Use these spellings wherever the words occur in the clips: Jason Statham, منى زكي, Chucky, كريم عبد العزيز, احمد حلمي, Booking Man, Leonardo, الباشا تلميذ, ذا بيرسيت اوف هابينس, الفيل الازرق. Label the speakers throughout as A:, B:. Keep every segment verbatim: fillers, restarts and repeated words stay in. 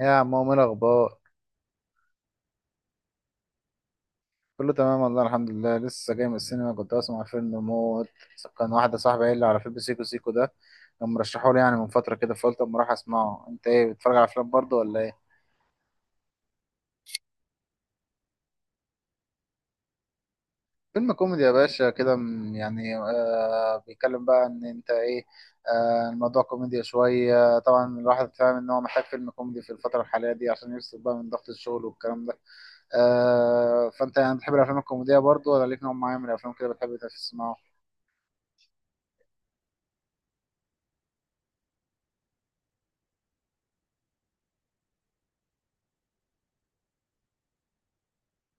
A: يا عم عمو، ايه الاخبار؟ كله تمام والله الحمد لله. لسه جاي من السينما، كنت بسمع فيلم موت. كان واحده صاحبي قايل لي على فيلم سيكو سيكو ده، كان مرشحه لي يعني من فتره كده، فقلت اما اروح اسمعه. انت ايه، بتتفرج على افلام برضه ولا ايه؟ فيلم كوميدي يا باشا كده، م- يعني آه بيتكلم بقى ان انت ايه. آه الموضوع كوميديا شويه، طبعا الواحد فاهم ان هو محتاج فيلم كوميدي في الفتره الحاليه دي عشان يفصل بقى من ضغط الشغل والكلام ده. آه فانت يعني بتحب الافلام الكوميديه برضه، ولا ليك نوع معين من الافلام كده بتحب تسمعه؟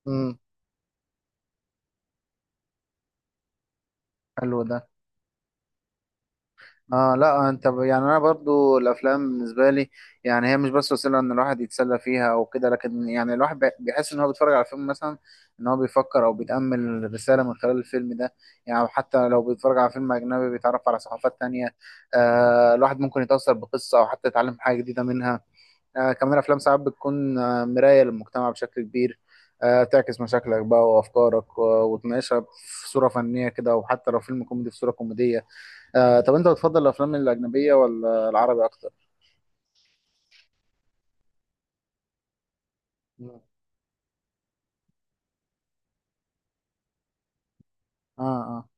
A: امم. حلو ده. اه، لا، انت ب- يعني انا برضو الافلام بالنسبه لي، يعني هي مش بس وسيله ان الواحد يتسلى فيها او كده، لكن يعني الواحد بي- بيحس ان هو بيتفرج على فيلم مثلا، ان هو بيفكر او بيتامل رساله من خلال الفيلم ده. يعني أو حتى لو بيتفرج على فيلم اجنبي بيتعرف على ثقافات تانية. آه الواحد ممكن يتاثر بقصه او حتى يتعلم حاجه جديده منها. آه كمان افلام ساعات بتكون آه مرايه للمجتمع بشكل كبير، آه تعكس مشاكلك بقى وافكارك و- وتناقشها في صوره فنيه كده، وحتى لو فيلم كوميدي في صوره كوميديه. آه طب انت بتفضل الافلام الاجنبيه ولا العربي اكتر؟ مم. اه، اه.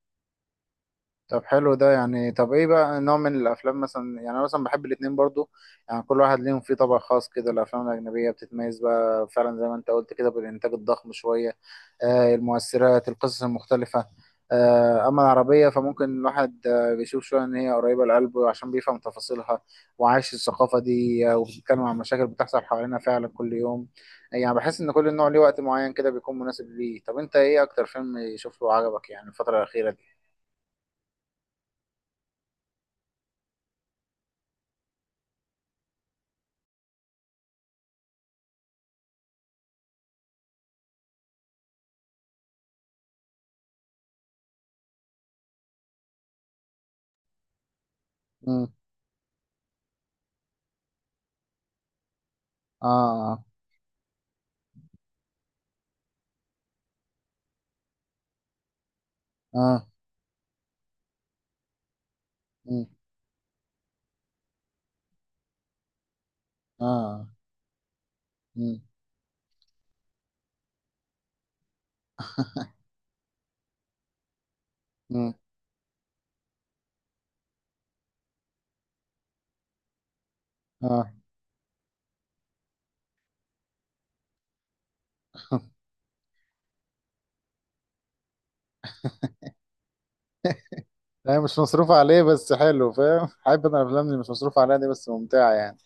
A: طب حلو ده. يعني طب ايه بقى نوع من الافلام مثلا؟ يعني انا مثلا بحب الاتنين برضو. يعني كل واحد ليهم فيه طبع خاص كده، الافلام الاجنبيه بتتميز بقى فعلا زي ما انت قلت كده بالانتاج الضخم شويه، آه المؤثرات، القصص المختلفه. آه اما العربيه فممكن الواحد آه بيشوف شويه ان هي قريبه لقلبه عشان بيفهم تفاصيلها، وعايش الثقافه دي، آه، وبتتكلم عن مشاكل بتحصل حوالينا فعلا كل يوم. يعني بحس ان كل نوع ليه وقت معين كده بيكون مناسب ليه. طب انت ايه اكتر فيلم شفته وعجبك يعني الفتره الاخيره دي؟ اه، اه، مم، اه، مم، مم، اه. هي مش مصروف عليه، بس حلو فاهم. حابب انا الافلام اللي مش مصروف عليها دي، بس ممتعة يعني.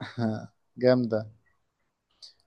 A: جامدة.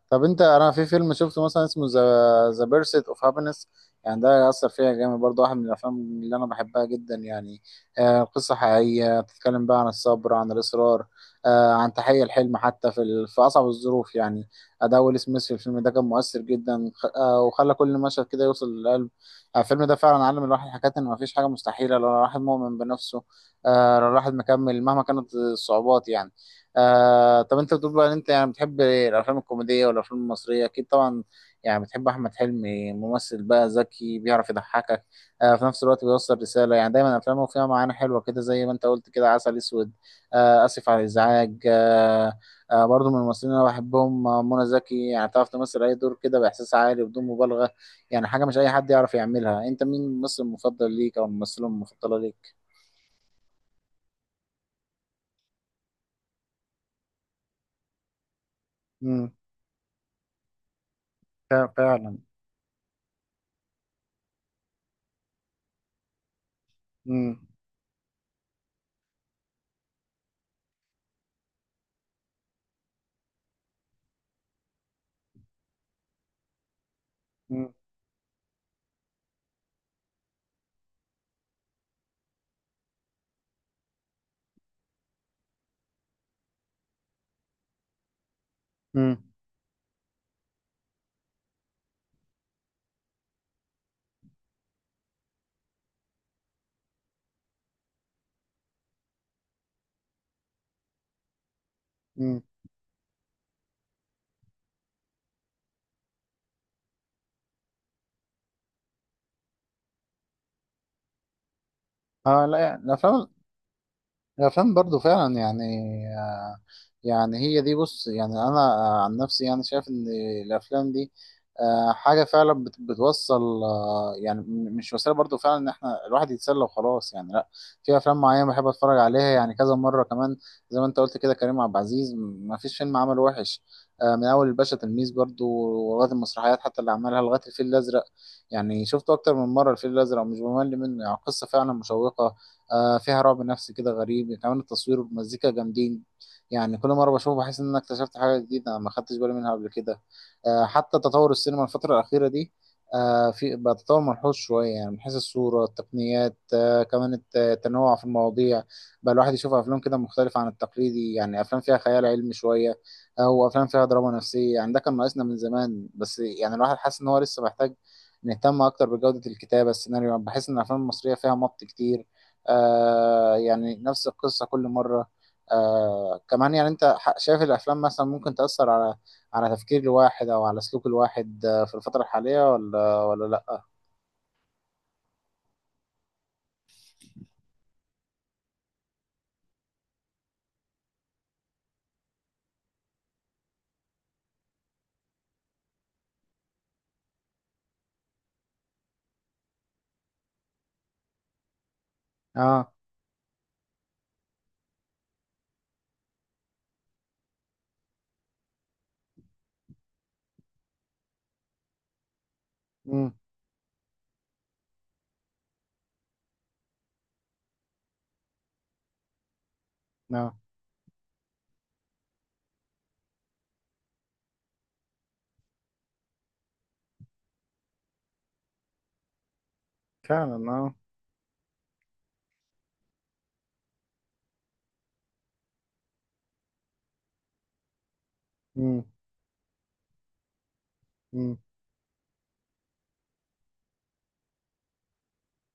A: طب انت، انا في فيلم شفته مثلا اسمه ذا ذا بيرسيت اوف هابينس. يعني ده اثر فيا جامد برضه، واحد من الافلام اللي انا بحبها جدا يعني. آه قصه حقيقيه بتتكلم بقى عن الصبر، عن الاصرار، آه عن تحقيق الحلم حتى في ال... في اصعب الظروف يعني. اداء ويل سميث في الفيلم ده كان مؤثر جدا، خ- آه وخلى كل مشهد كده يوصل للقلب. آه الفيلم ده فعلا علم الواحد حاجات، ان مفيش حاجه مستحيله لو الواحد مؤمن بنفسه، آه لو الواحد مكمل مهما كانت الصعوبات يعني. آه طب انت بتقول بقى ان انت يعني بتحب الافلام الكوميديه والافلام المصريه اكيد طبعا. يعني بتحب احمد حلمي، ممثل بقى ذكي بيعرف يضحكك، آه في نفس الوقت بيوصل رساله، يعني دايما افلامه فيها معاني حلوه كده، زي ما انت قلت كده عسل اسود. آه اسف على الازعاج. آه آه برضه من الممثلين اللي انا بحبهم، آه، منى زكي، يعني تعرف تمثل اي دور كده باحساس عالي بدون مبالغه. يعني حاجه مش اي حد يعرف يعملها. انت مين الممثل المفضل ليك او الممثله المفضله ليك؟ امم. فعلا. امم، امم. اه، لا يعني، الافلام الافلام برضو فعلا يعني. آه يعني هي دي بص، يعني انا آه عن نفسي يعني شايف ان الافلام دي آه حاجه فعلا بت- بتوصل، آه يعني م- مش وسيله برضو فعلا ان احنا الواحد يتسلى وخلاص يعني، لا. في افلام معينه بحب اتفرج عليها يعني كذا مره كمان، زي ما انت قلت كده، كريم عبد العزيز م- ما فيش فيلم عمله وحش. آه من اول الباشا تلميذ برضو، ولغايه المسرحيات حتى اللي عملها، لغايه الفيل الازرق. يعني شفته اكتر من مره الفيل الازرق ومش بمل منه، يعني قصه فعلا مشوقه، آه فيها رعب نفسي كده غريب، كمان التصوير والمزيكا جامدين. يعني كل مرة بشوفه بحس إن أنا اكتشفت حاجة جديدة أنا ما خدتش بالي منها قبل كده. آه حتى تطور السينما الفترة الأخيرة دي، آه في بقى تطور ملحوظ شوية، يعني من حيث الصورة، التقنيات، آه كمان الت- التنوع في المواضيع. بقى الواحد يشوف أفلام كده مختلفة عن التقليدي، يعني أفلام فيها خيال علمي شوية أو أفلام فيها دراما نفسية. يعني ده كان ناقصنا من زمان، بس يعني الواحد حاسس إن هو لسه محتاج نهتم أكتر بجودة الكتابة، السيناريو بحس إن الأفلام المصرية فيها مط كتير، آه يعني نفس القصة كل مرة. آه كمان يعني انت ح- شايف الافلام مثلا ممكن تأثر على على تفكير الواحد او على سلوك الواحد آه، في الفترة الحالية، ولا ولا لا؟ اه. امم. اه، فعلا. اه، امم،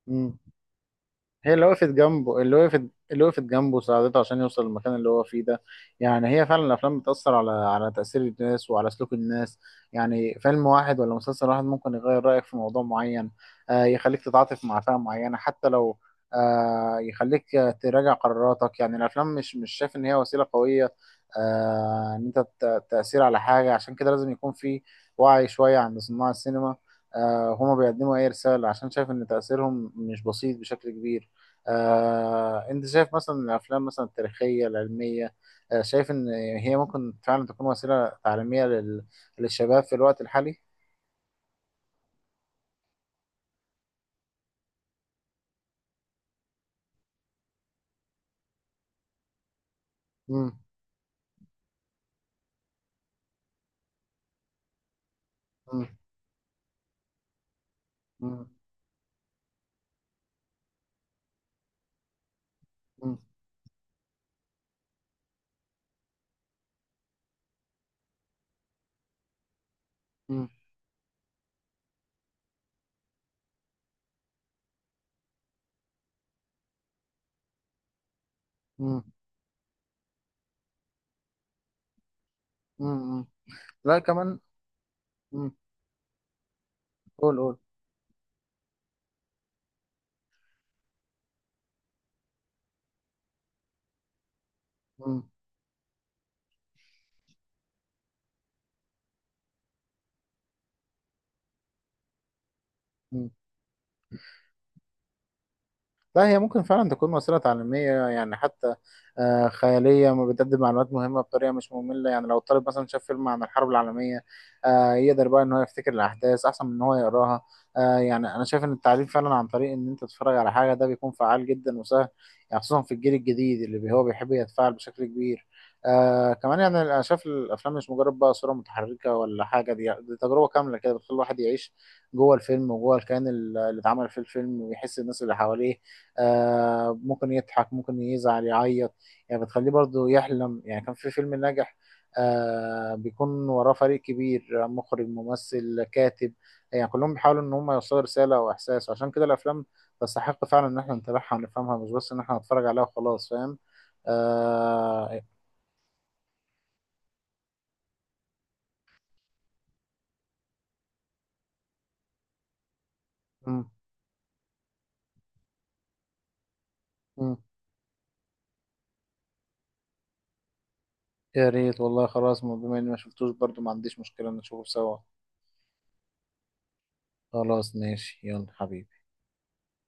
A: امم. هي اللي وقفت جنبه اللي وقفت اللي وقفت جنبه، ساعدته عشان يوصل للمكان اللي هو فيه ده. يعني هي فعلا الافلام بتأثر على على تأثير الناس وعلى سلوك الناس. يعني فيلم واحد ولا مسلسل واحد ممكن يغير رأيك في موضوع معين، آه يخليك تتعاطف مع فئة معينة حتى لو، آه يخليك آه، تراجع قراراتك. يعني الافلام، مش مش شايف ان هي وسيلة قوية، آه ان انت ت- تأثير على حاجة، عشان كده لازم يكون في وعي شوية عند صناع السينما. آه هما بيقدموا اي رسالة عشان شايف ان تأثيرهم مش بسيط بشكل كبير. آه، انت شايف مثلا الافلام مثلا التاريخيه العلميه، آه، شايف ان هي ممكن فعلا تكون وسيله تعليميه لل... للشباب في الوقت الحالي؟ مم، مم، مم، مم، مم، مم، مم، مم. لا، كمان. مم، قول، قول. مم، مم. لا، هي ممكن فعلا تكون وسيلة تعليمية يعني، حتى آه، خيالية ما بتقدم معلومات مهمة بطريقة مش مملة. يعني لو الطالب مثلا شاف فيلم عن الحرب العالمية، آه، يقدر بقى إن هو يفتكر الأحداث أحسن من إن هو يقراها. آه، يعني أنا شايف إن التعليم فعلا عن طريق إن أنت تتفرج على حاجة ده بيكون فعال جدا وسهل، يعني خصوصا في الجيل الجديد اللي بي- هو بيحب يتفاعل بشكل كبير. آه كمان يعني أنا شايف الأفلام مش مجرد بقى صورة متحركة ولا حاجة، دي, دي تجربة كاملة كده بتخلي الواحد يعيش جوه الفيلم وجوه الكيان اللي اتعمل في الفيلم ويحس الناس اللي حواليه. آه ممكن يضحك، ممكن يزعل، يعيط. يعني بتخليه برضه يحلم. يعني كان في فيلم ناجح، آه بيكون وراه فريق كبير، مخرج، ممثل، كاتب. يعني كلهم بيحاولوا ان هم يوصلوا رسالة او احساس، وعشان كده الافلام تستحق فعلا ان احنا نتابعها ونفهمها، مش بس ان احنا نتفرج عليها وخلاص فاهم. آه م- م. يا ريت والله. خلاص، بما اني ما شفتوش برضه ما عنديش مشكلة نشوفه سوا. خلاص، ماشي، يلا حبيبي.